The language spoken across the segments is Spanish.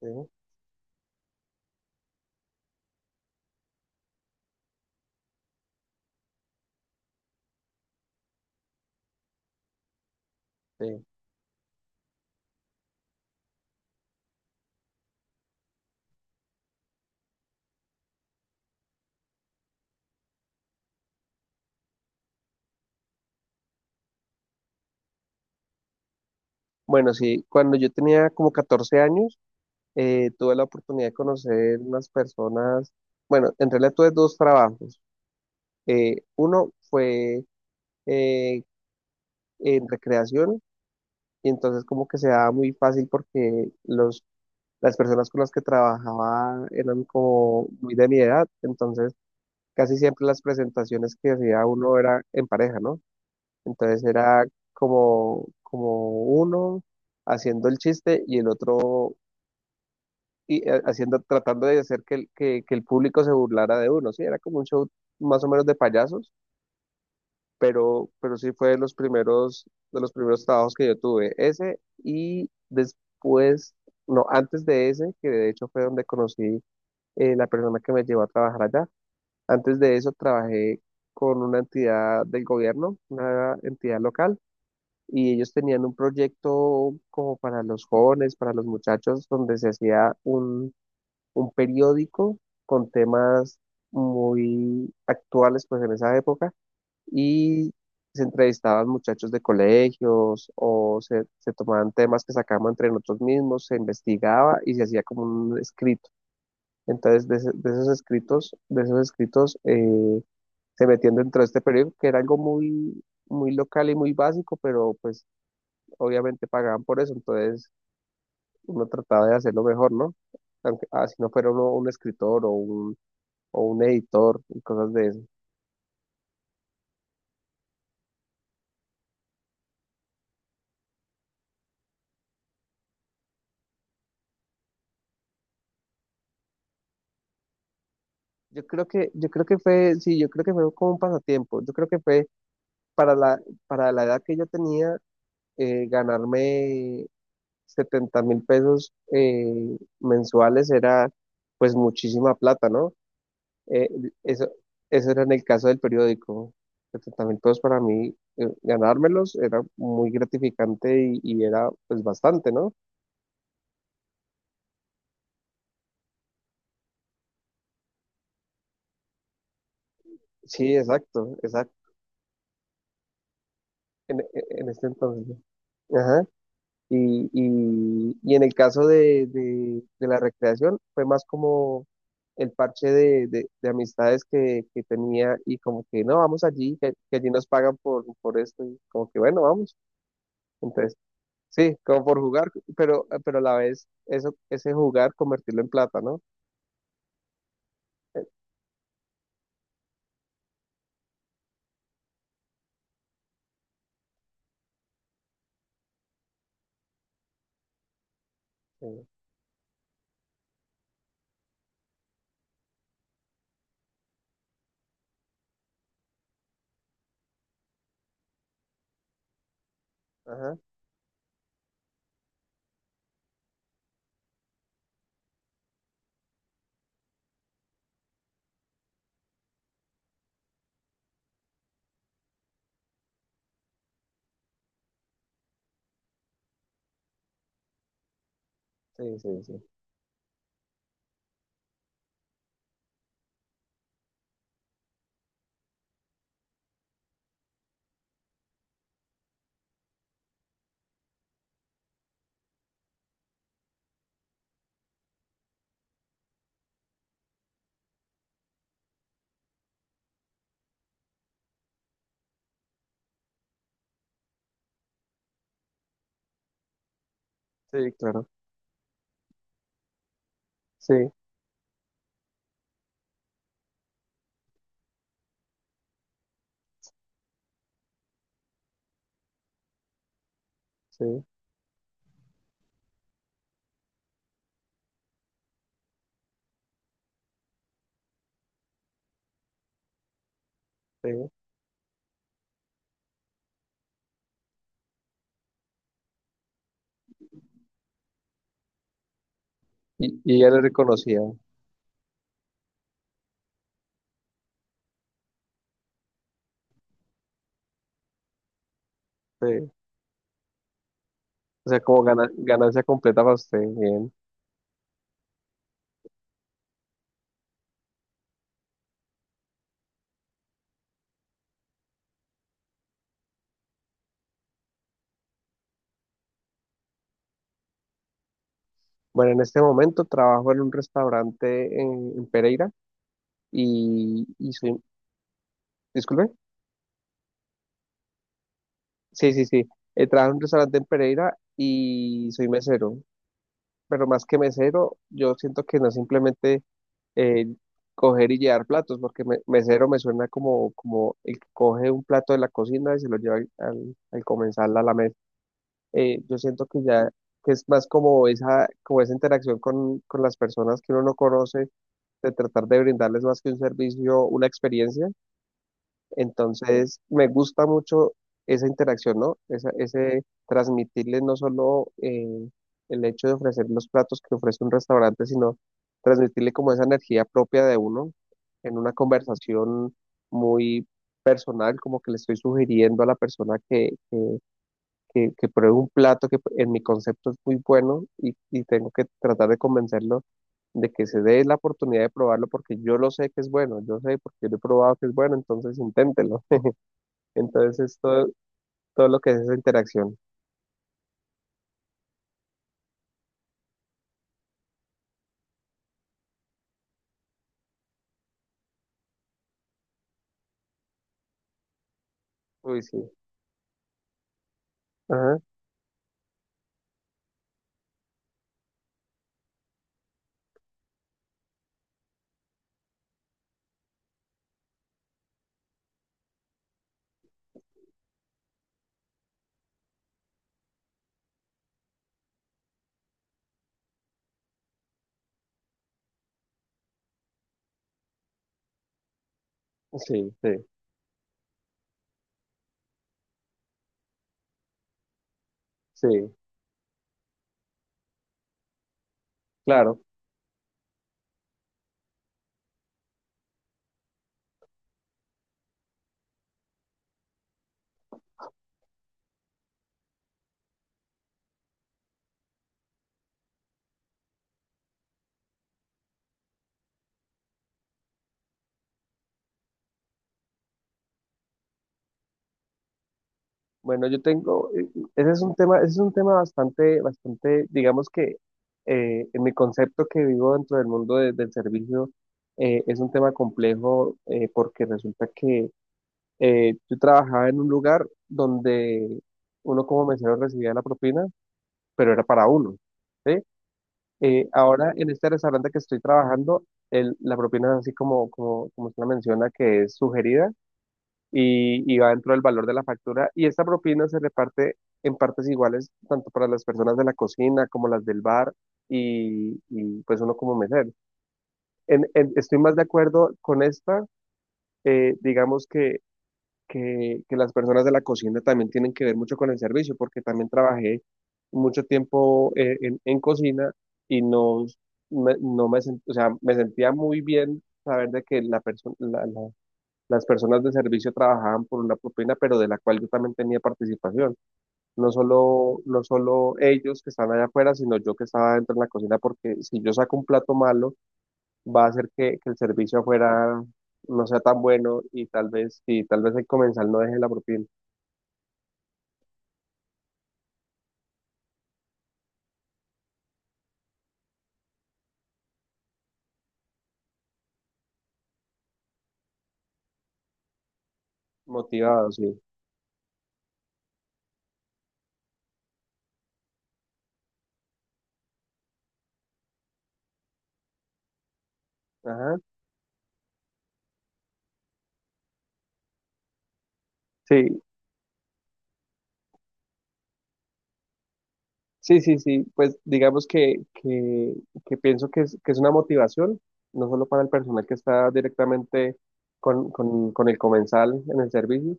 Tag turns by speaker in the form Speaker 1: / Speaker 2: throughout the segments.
Speaker 1: Sí, sí. Bueno, sí, cuando yo tenía como 14 años, tuve la oportunidad de conocer unas personas, bueno, en realidad tuve dos trabajos. Uno fue eh, en recreación y entonces como que se daba muy fácil porque las personas con las que trabajaba eran como muy de mi edad, entonces casi siempre las presentaciones que hacía uno era en pareja, ¿no? Entonces era como uno haciendo el chiste y el otro y tratando de hacer que, que el público se burlara de uno, sí, era como un show más o menos de payasos, pero sí fue de los primeros trabajos que yo tuve, ese y después, no, antes de ese, que de hecho fue donde conocí la persona que me llevó a trabajar allá, antes de eso trabajé con una entidad del gobierno, una entidad local, y ellos tenían un proyecto como para los jóvenes, para los muchachos, donde se hacía un periódico con temas muy actuales pues en esa época y se entrevistaban muchachos de colegios se tomaban temas que sacábamos entre nosotros mismos, se investigaba y se hacía como un escrito. Entonces de esos escritos se metían dentro de este periódico que era algo muy, muy local y muy básico, pero pues obviamente pagaban por eso, entonces uno trataba de hacerlo mejor, ¿no? Aunque, ah, si no fuera uno un escritor o un editor y cosas de eso. Yo creo que fue, sí, yo creo que fue como un pasatiempo. Yo creo que fue para la, para la edad que yo tenía, ganarme 70,000 pesos mensuales era pues muchísima plata, ¿no? Eh, eso, eso era en el caso del periódico. 70,000 pesos para mí, ganármelos era muy gratificante y era pues bastante, ¿no? Sí, exacto, exacto, en, en este entonces. ¿No? Ajá. Y en el caso de la recreación fue más como el parche de amistades que tenía y como que no, vamos allí, que allí nos pagan por esto y como que bueno, vamos. Entonces, sí, como por jugar, pero a la vez eso, ese jugar convertirlo en plata, ¿no? Eh, eh, Ajá, sí, sí, sí. Sí, claro. Sí, sí, sí. Y ella le reconocía. Sí. O sea, como ganancia completa para usted, bien. Bueno, en este momento trabajo en un restaurante en Pereira y soy, disculpe, sí, sí, sí, trabajo en un restaurante en Pereira y soy mesero, pero más que mesero, yo siento que no es simplemente eh, coger y llevar platos, porque mesero me suena como, como el que coge un plato de la cocina y se lo lleva al comensal a la mesa. Yo siento que ya, que es más como esa interacción con las personas que uno no conoce de tratar de brindarles más que un servicio, una experiencia. Entonces, me gusta mucho esa interacción, ¿no? Ese transmitirles no solo el hecho de ofrecer los platos que ofrece un restaurante, sino transmitirle como esa energía propia de uno en una conversación muy personal, como que le estoy sugiriendo a la persona que que pruebe un plato que en mi concepto es muy bueno y tengo que tratar de convencerlo de que se dé la oportunidad de probarlo porque yo lo sé que es bueno, yo sé porque lo he probado que es bueno, entonces inténtelo. Entonces es todo, todo lo que es esa interacción. Uy, sí. Ajá. Sí, sí, sí, claro. Bueno, yo tengo, ese es un tema bastante, digamos que en mi concepto que vivo dentro del mundo del servicio, es un tema complejo porque resulta que yo trabajaba en un lugar donde uno como mesero recibía la propina, pero era para uno, ¿sí? Ahora en este restaurante que estoy trabajando, la propina es así como, como usted la menciona, que es sugerida y va dentro del valor de la factura. Y esta propina se reparte en partes iguales, tanto para las personas de la cocina como las del bar y pues uno como mesero. Estoy más de acuerdo con esta, digamos que las personas de la cocina también tienen que ver mucho con el servicio, porque también trabajé mucho tiempo en cocina y no me, o sea, me sentía muy bien saber de que la perso- la- la- las personas de servicio trabajaban por una propina, pero de la cual yo también tenía participación. No solo ellos que están allá afuera, sino yo que estaba dentro de la cocina, porque si yo saco un plato malo, va a hacer que el servicio afuera no sea tan bueno y tal vez el comensal no deje la propina. Motivado, sí. Ajá. Sí, sí, sí, sí. Pues que pienso que es una motivación, no solo para el personal que está directamente con el comensal en el servicio,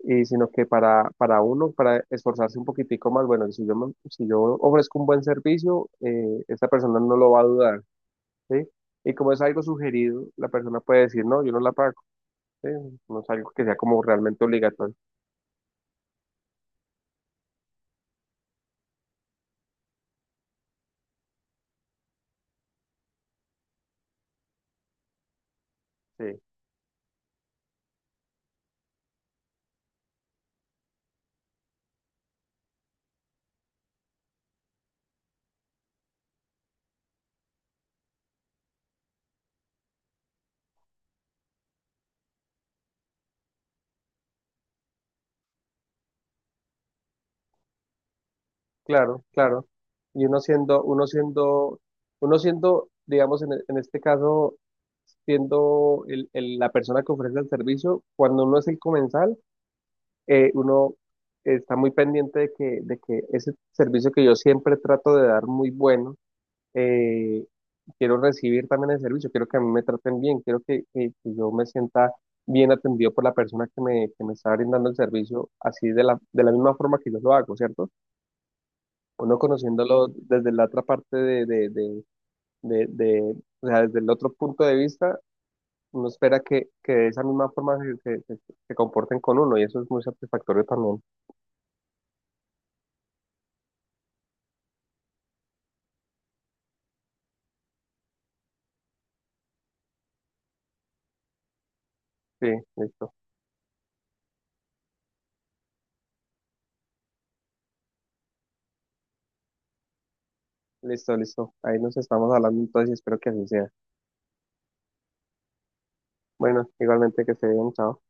Speaker 1: y sino que para uno, para esforzarse un poquitico más. Bueno, si yo ofrezco un buen servicio, esta persona no lo va a dudar, ¿sí? Y como es algo sugerido, la persona puede decir, no, yo no la pago, ¿sí? No es algo que sea como realmente obligatorio. Sí. Claro, claro. Y uno siendo, uno siendo, uno siendo, digamos, en este caso, siendo la persona que ofrece el servicio, cuando uno es el comensal, uno está muy pendiente de que ese servicio que yo siempre trato de dar muy bueno, eh, quiero recibir también el servicio, quiero que a mí me traten bien, quiero que yo me sienta bien atendido por la persona que me está brindando el servicio, así de de la misma forma que yo lo hago, ¿cierto? Uno conociéndolo desde la otra parte de- de- o sea, desde el otro punto de vista, uno espera que de esa misma forma se comporten con uno y eso es muy satisfactorio también. Sí, listo, listo. Ahí nos estamos hablando entonces y espero que así sea. Bueno, igualmente que se bien, chao.